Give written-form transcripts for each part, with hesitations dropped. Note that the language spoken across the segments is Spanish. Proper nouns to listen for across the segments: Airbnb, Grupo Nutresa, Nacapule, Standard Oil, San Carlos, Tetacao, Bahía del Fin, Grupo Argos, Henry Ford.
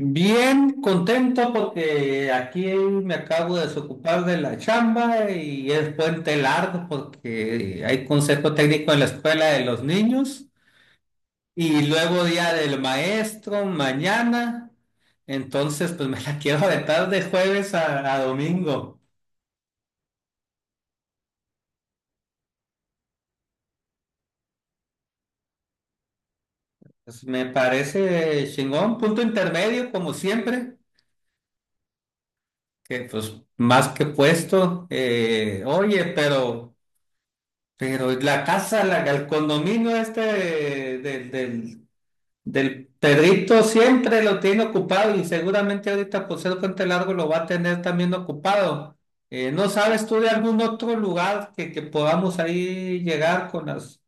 Bien contento porque aquí me acabo de desocupar de la chamba y es puente largo porque hay consejo técnico en la escuela de los niños y luego día del maestro mañana. Entonces, pues me la quiero aventar de jueves a domingo. Pues, me parece chingón, punto intermedio como siempre, que pues más que puesto. Oye, pero... Pero la casa, la, el condominio este del, del, del Pedrito siempre lo tiene ocupado y seguramente ahorita por ser Puente Largo lo va a tener también ocupado. ¿No sabes tú de algún otro lugar que podamos ahí llegar con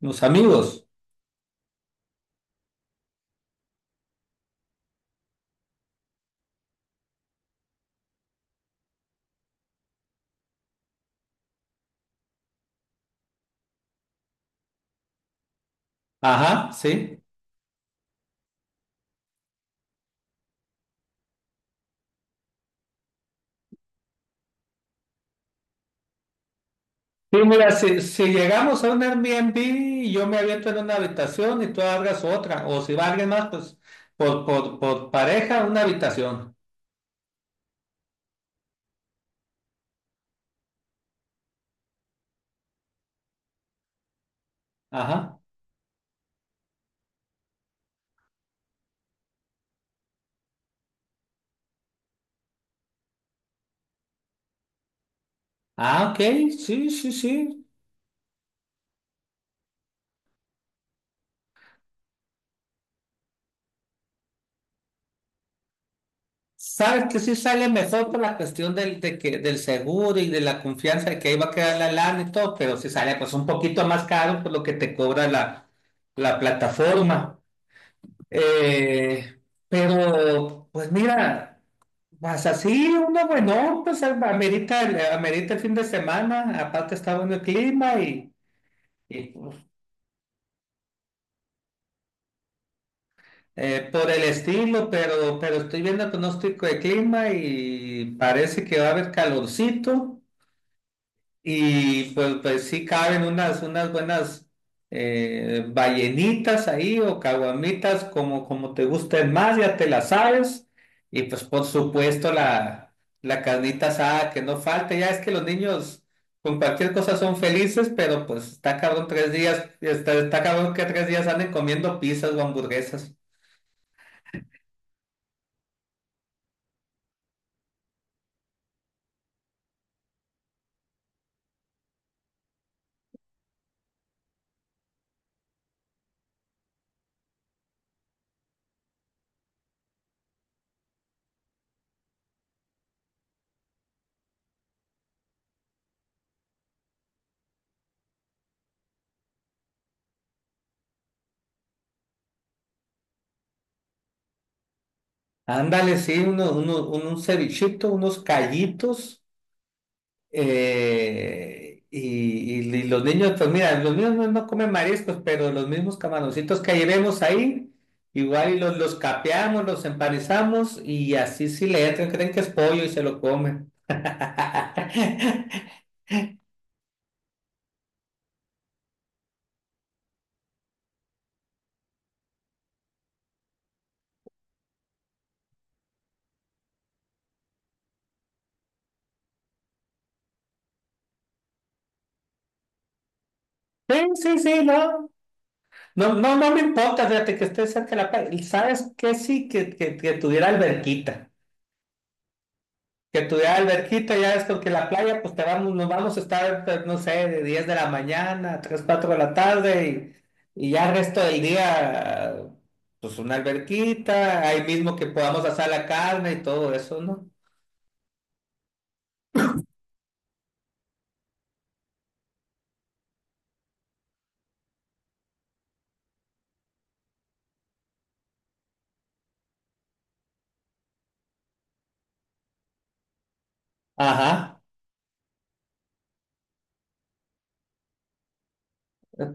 los amigos? Ajá, sí. Sí, mira, si llegamos a un Airbnb y yo me aviento en una habitación y tú abras otra, o si va alguien más, pues por pareja una habitación. Ajá. Ah, ok, sí, sí, sí. Sabes que sí sale mejor por la cuestión del seguro y de la confianza de que ahí va a quedar la lana y todo, pero sí sale pues un poquito más caro por lo que te cobra la plataforma. Eh, pero, pues mira, vas así, uno bueno, pues amerita, amerita el fin de semana, aparte está bueno el clima y, por el estilo, pero estoy viendo el pronóstico de clima y parece que va a haber calorcito y pues, pues sí caben unas buenas ballenitas ahí o caguamitas como, como te gusten más, ya te las sabes. Y pues por supuesto la carnita asada que no falte, ya es que los niños con cualquier cosa son felices, pero pues está cabrón tres días, está cabrón que tres días anden comiendo pizzas o hamburguesas. Ándale, sí, un cevichito, unos callitos, eh, y, y los niños, pues mira, los niños no comen mariscos, pero los mismos camaroncitos que llevemos ahí, igual y los capeamos, los empanizamos, y así sí le entran, creen que es pollo y se lo comen. Sí, sí, sí, no. No, no, no me importa, fíjate que esté cerca de la playa. ¿Sabes qué? Sí, que tuviera alberquita. Que tuviera alberquita, ya es porque la playa, pues te vamos, nos vamos a estar, pues, no sé, de 10 de la mañana a 3, 4 de la tarde y ya el resto del día, pues una alberquita, ahí mismo que podamos asar la carne y todo eso, ¿no? Ajá,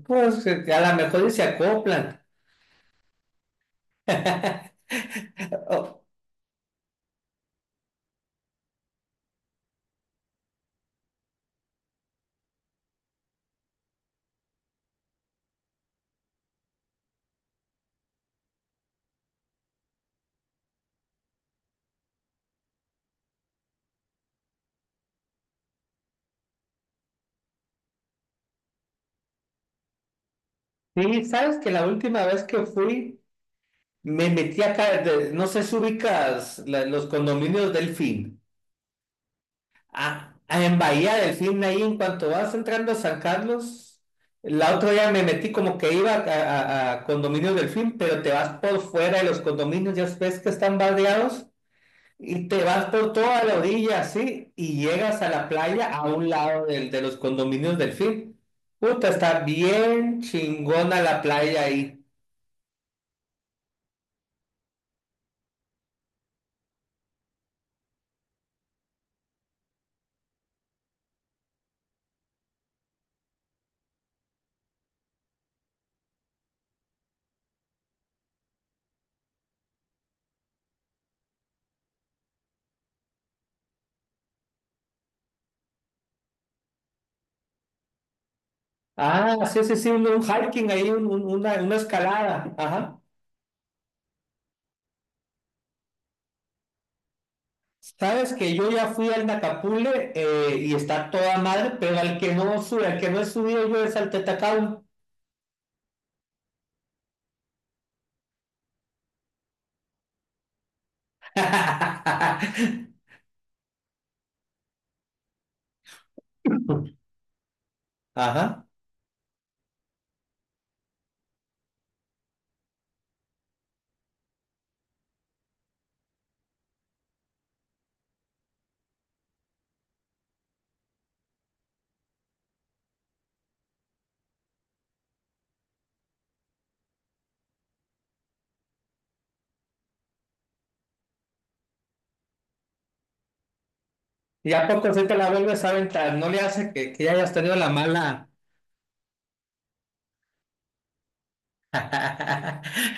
pues a lo mejor y se acoplan. Oh, sí, sabes que la última vez que fui, me metí acá, no sé si ubicas los condominios Delfín. Ah, en Bahía del Fin, ahí en cuanto vas entrando a San Carlos, la otra ya me metí como que iba a condominios del Fin, pero te vas por fuera de los condominios, ya ves que están bardeados, y te vas por toda la orilla, así, y llegas a la playa a un lado de los condominios del Fin. Puta, está bien chingona la playa ahí. Ah, sí, sí, sí, un hiking ahí, una escalada, ajá. Sabes que yo ya fui al Nacapule y está toda madre, pero al que no sube, al que no he subido yo es al Tetacao. Ajá. Y a poco se te la vuelves a aventar, no le hace que ya hayas tenido la mala.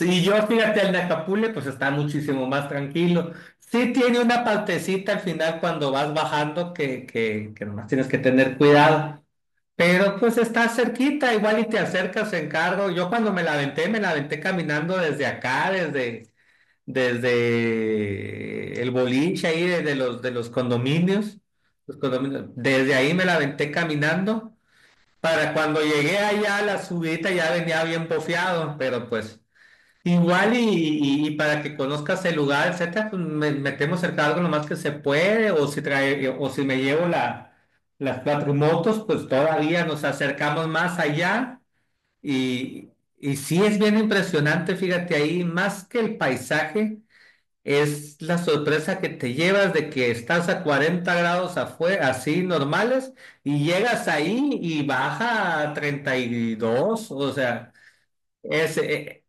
Y yo, fíjate, al Nacapule, pues está muchísimo más tranquilo. Sí tiene una partecita al final cuando vas bajando que nomás tienes que tener cuidado. Pero pues está cerquita, igual y te acercas en carro. Yo cuando me la aventé caminando desde acá, desde el boliche ahí, desde de los condominios, los condominios. Desde ahí me la aventé caminando. Para cuando llegué allá a la subida ya venía bien bofeado, pero pues igual y, y para que conozcas el lugar, etcétera, pues metemos cerca algo lo más que se puede, o si trae, o si me llevo las cuatro motos, pues todavía nos acercamos más allá. Y, y sí es bien impresionante, fíjate ahí, más que el paisaje, es la sorpresa que te llevas de que estás a 40 grados afuera, así normales, y llegas ahí y baja a 32, o sea. Es, e-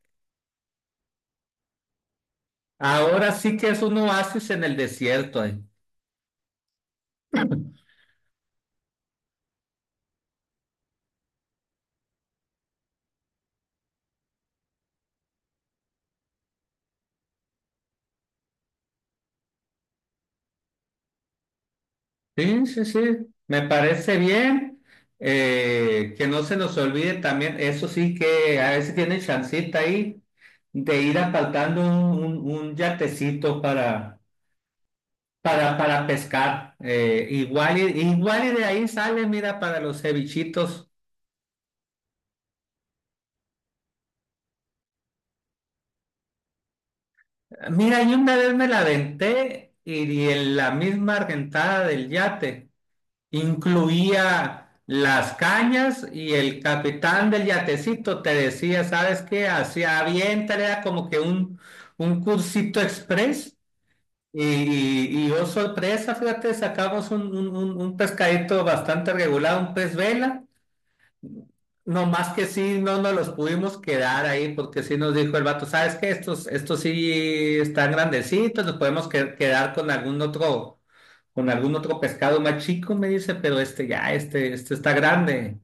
Ahora sí que es un oasis en el desierto. Sí, sí, sí. Me parece bien. Que no se nos olvide también, eso sí que a veces tiene chancita ahí de ir apartando un yatecito para pescar. Igual, igual y de ahí sale, mira, para los cevichitos. Mira, yo una vez me la aventé y en la misma argentada del yate. Incluía las cañas y el capitán del yatecito te decía, ¿sabes qué? Hacía bien, era como que un cursito express. Y, oh sorpresa, fíjate, sacamos un pescadito bastante regular, un pez vela. No más que sí, no nos los pudimos quedar ahí porque sí nos dijo el vato, ¿sabes qué? Estos sí están grandecitos, nos podemos quedar con algún otro, con algún otro pescado más chico, me dice, pero este ya, este está grande.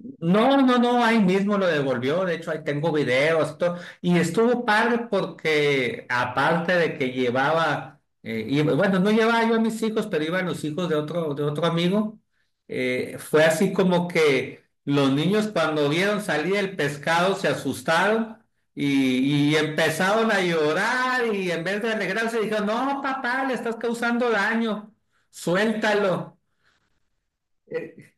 No, no, no, ahí mismo lo devolvió, de hecho ahí tengo videos, todo, y estuvo padre porque aparte de que llevaba, bueno, no llevaba yo a mis hijos, pero iban los hijos de otro amigo, fue así como que los niños cuando vieron salir el pescado se asustaron y empezaron a llorar y en vez de alegrarse dijeron, no, papá, le estás causando daño, suéltalo. Eh,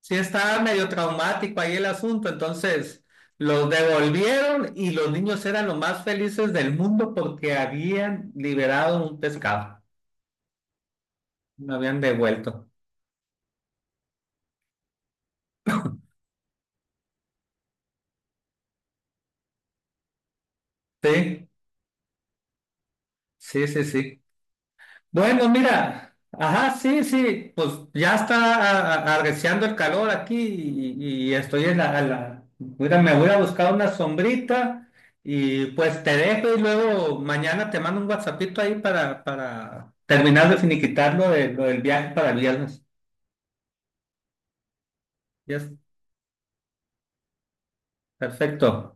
sí estaba medio traumático ahí el asunto, entonces los devolvieron y los niños eran los más felices del mundo porque habían liberado un pescado, lo habían devuelto. Sí, sí, sí, sí. Bueno, mira, ajá, sí, sí, pues ya está arreciando el calor aquí y estoy en mira, me voy a buscar una sombrita y pues te dejo y luego mañana te mando un WhatsAppito ahí para terminar de finiquitar lo del viaje para el viernes. Ya es- Perfecto.